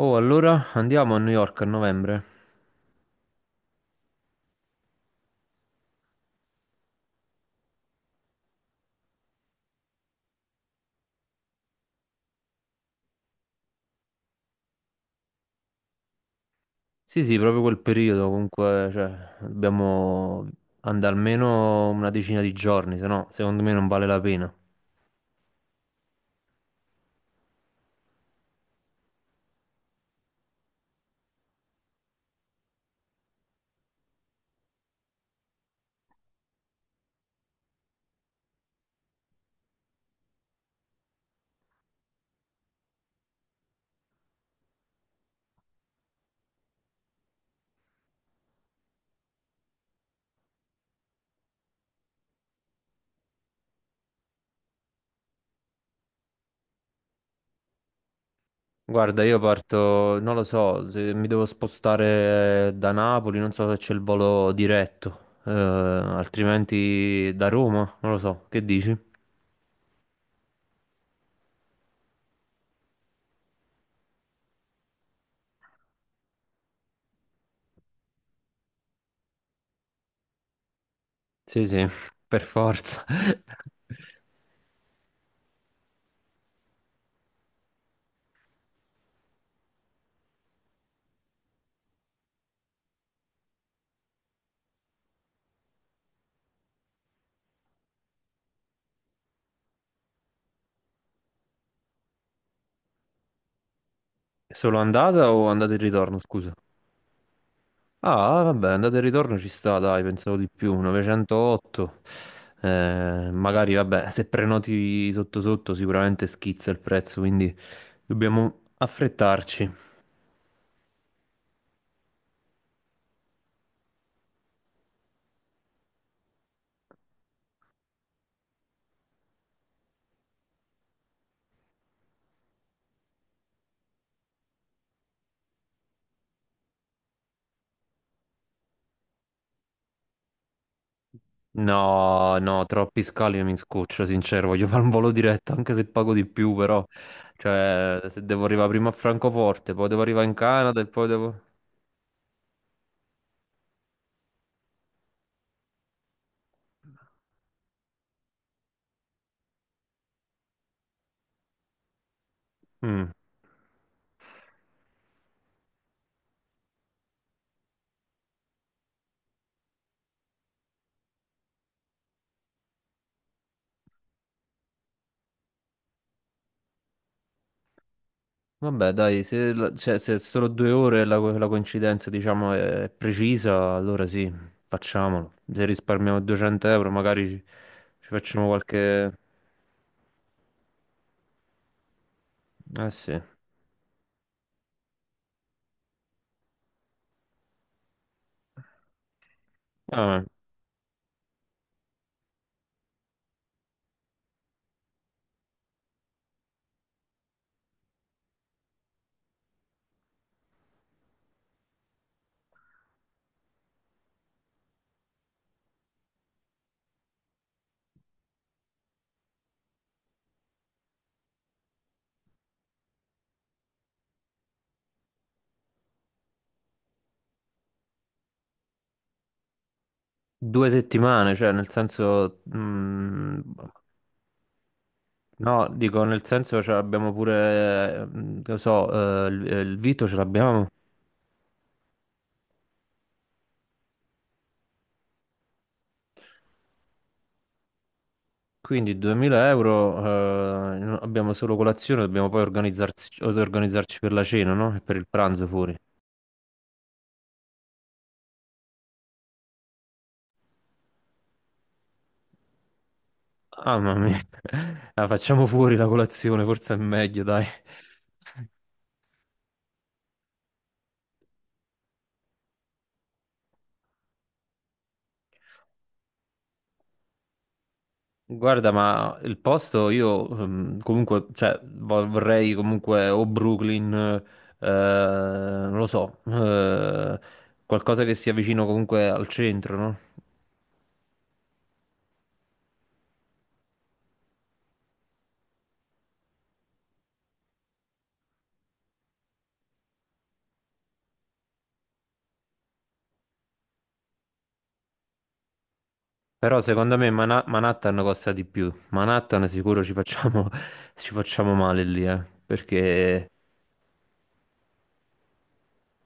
Oh, allora andiamo a New York a novembre? Sì, sì, proprio quel periodo, comunque, cioè, dobbiamo andare almeno una decina di giorni, se no, secondo me non vale la pena. Guarda, io parto, non lo so, se mi devo spostare da Napoli, non so se c'è il volo diretto, altrimenti da Roma, non lo so, che dici? Sì, sì, per forza. Solo andata o andata e ritorno, scusa? Ah, vabbè, andata e ritorno ci sta, dai, pensavo di più, 908. Magari, vabbè, se prenoti sotto sotto sicuramente schizza il prezzo, quindi dobbiamo affrettarci. No, no, troppi scali mi scoccio, sincero, voglio fare un volo diretto, anche se pago di più, però. Cioè, se devo arrivare prima a Francoforte, poi devo arrivare in Canada e poi devo. Mm. Vabbè, dai, se, la- cioè, se è solo 2 ore la coincidenza, diciamo, è precisa, allora sì, facciamolo. Se risparmiamo 200 euro, magari ci facciamo qualche. Eh sì. Vabbè. 2 settimane, cioè, nel senso. No, dico, nel senso, cioè, abbiamo pure, che lo so, il Vito ce l'abbiamo. Quindi 2000 euro, abbiamo solo colazione, dobbiamo poi organizzarci, organizzarci per la cena, no? E per il pranzo fuori. Ah, mamma mia. La facciamo fuori la colazione, forse è meglio, dai. Guarda, ma il posto io comunque, cioè, vorrei comunque o Brooklyn, non lo so, qualcosa che sia vicino comunque al centro, no? Però secondo me Manhattan costa di più. Manhattan sicuro ci facciamo, ci facciamo male lì, perché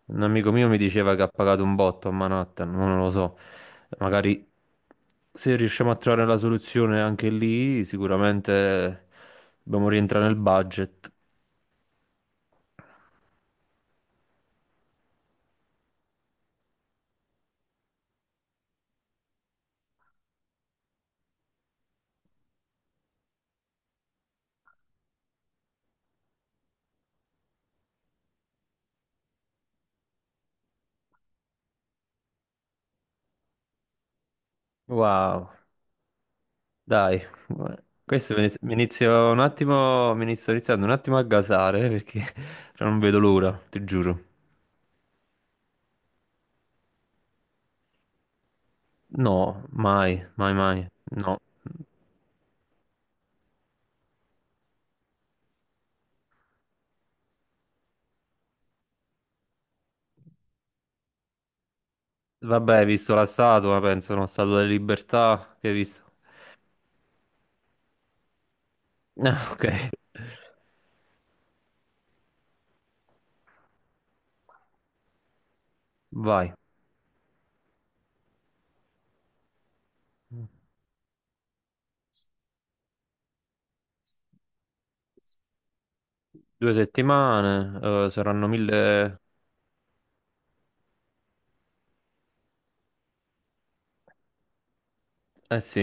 un amico mio mi diceva che ha pagato un botto a Manhattan, ma non lo so. Magari se riusciamo a trovare la soluzione anche lì, sicuramente dobbiamo rientrare nel budget. Wow, dai. Questo mi inizio iniziando un attimo a gasare perché non vedo l'ora, ti giuro. No, mai, mai, mai. No. Vabbè, hai visto la statua, penso, no? Statua della Libertà, che hai visto? Ah, ok, vai. 2 settimane, saranno 1000. Eh sì,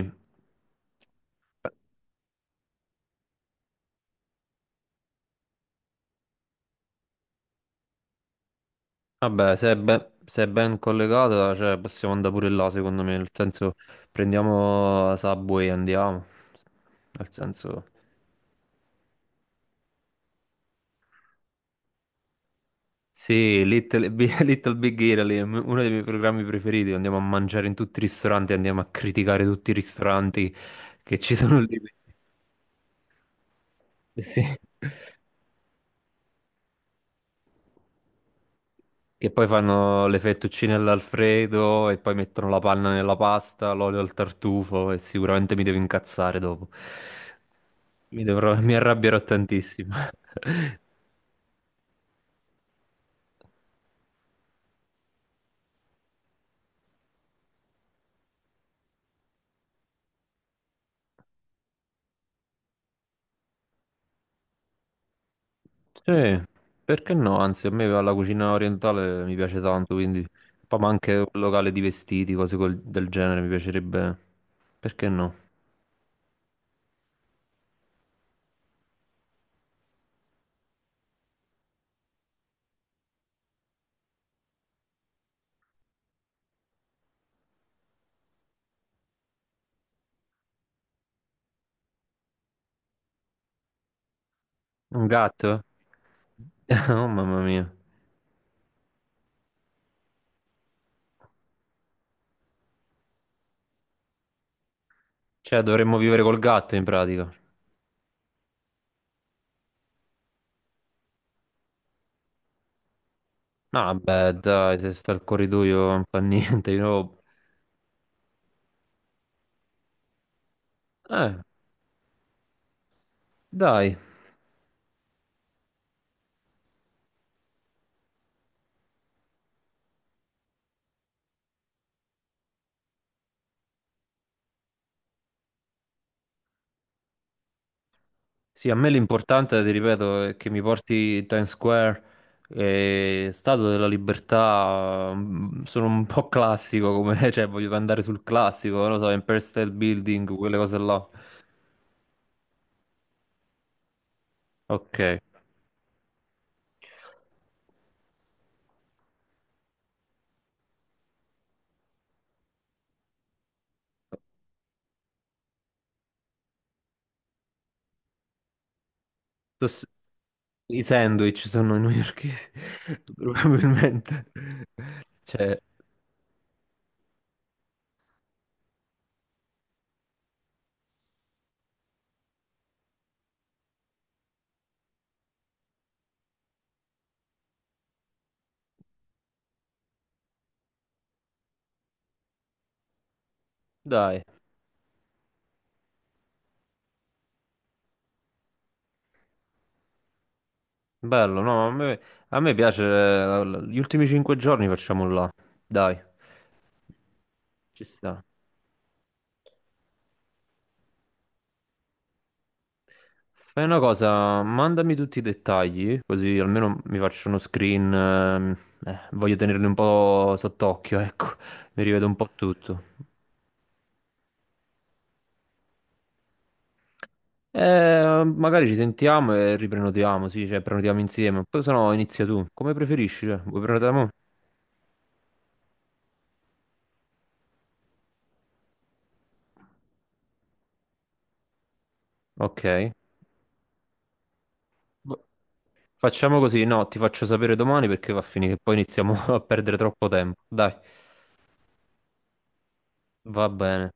vabbè, se è ben collegata, cioè, possiamo andare pure là, secondo me, nel senso, prendiamo Subway e andiamo. Nel senso. Sì, Little Big Italy è uno dei miei programmi preferiti, andiamo a mangiare in tutti i ristoranti, andiamo a criticare tutti i ristoranti che ci sono lì. Sì. Che poi fanno le fettuccine all'Alfredo e poi mettono la panna nella pasta, l'olio al tartufo e sicuramente mi devo incazzare dopo. Mi arrabbierò tantissimo. Sì, perché no? Anzi, a me la cucina orientale mi piace tanto, quindi poi ma anche un locale di vestiti, cose del genere, mi piacerebbe. Perché no? Un gatto? Oh mamma mia. Cioè, dovremmo vivere col gatto in pratica. Ah, beh, dai, se sta al corridoio non fa niente. Io. Eh, dai. Sì, a me l'importante, ti ripeto, è che mi porti Times Square, e Statua della Libertà. Sono un po' classico come, cioè, voglio andare sul classico, non lo so, Empire State Building, quelle cose là. Ok. Tos- I sandwich sono newyorkesi, probabilmente. Cioè, dai. Bello, no, a me piace, gli ultimi 5 giorni facciamo là, dai, ci sta. Fai una cosa, mandami tutti i dettagli, così almeno mi faccio uno screen, voglio tenerli un po' sott'occhio, ecco, mi rivedo un po' tutto. Magari ci sentiamo e riprenotiamo, sì, cioè prenotiamo insieme, poi se no inizia tu, come preferisci, vuoi prenotare mo? Ok. Facciamo così, no, ti faccio sapere domani perché va a finire che poi iniziamo a perdere troppo tempo, dai. Va bene.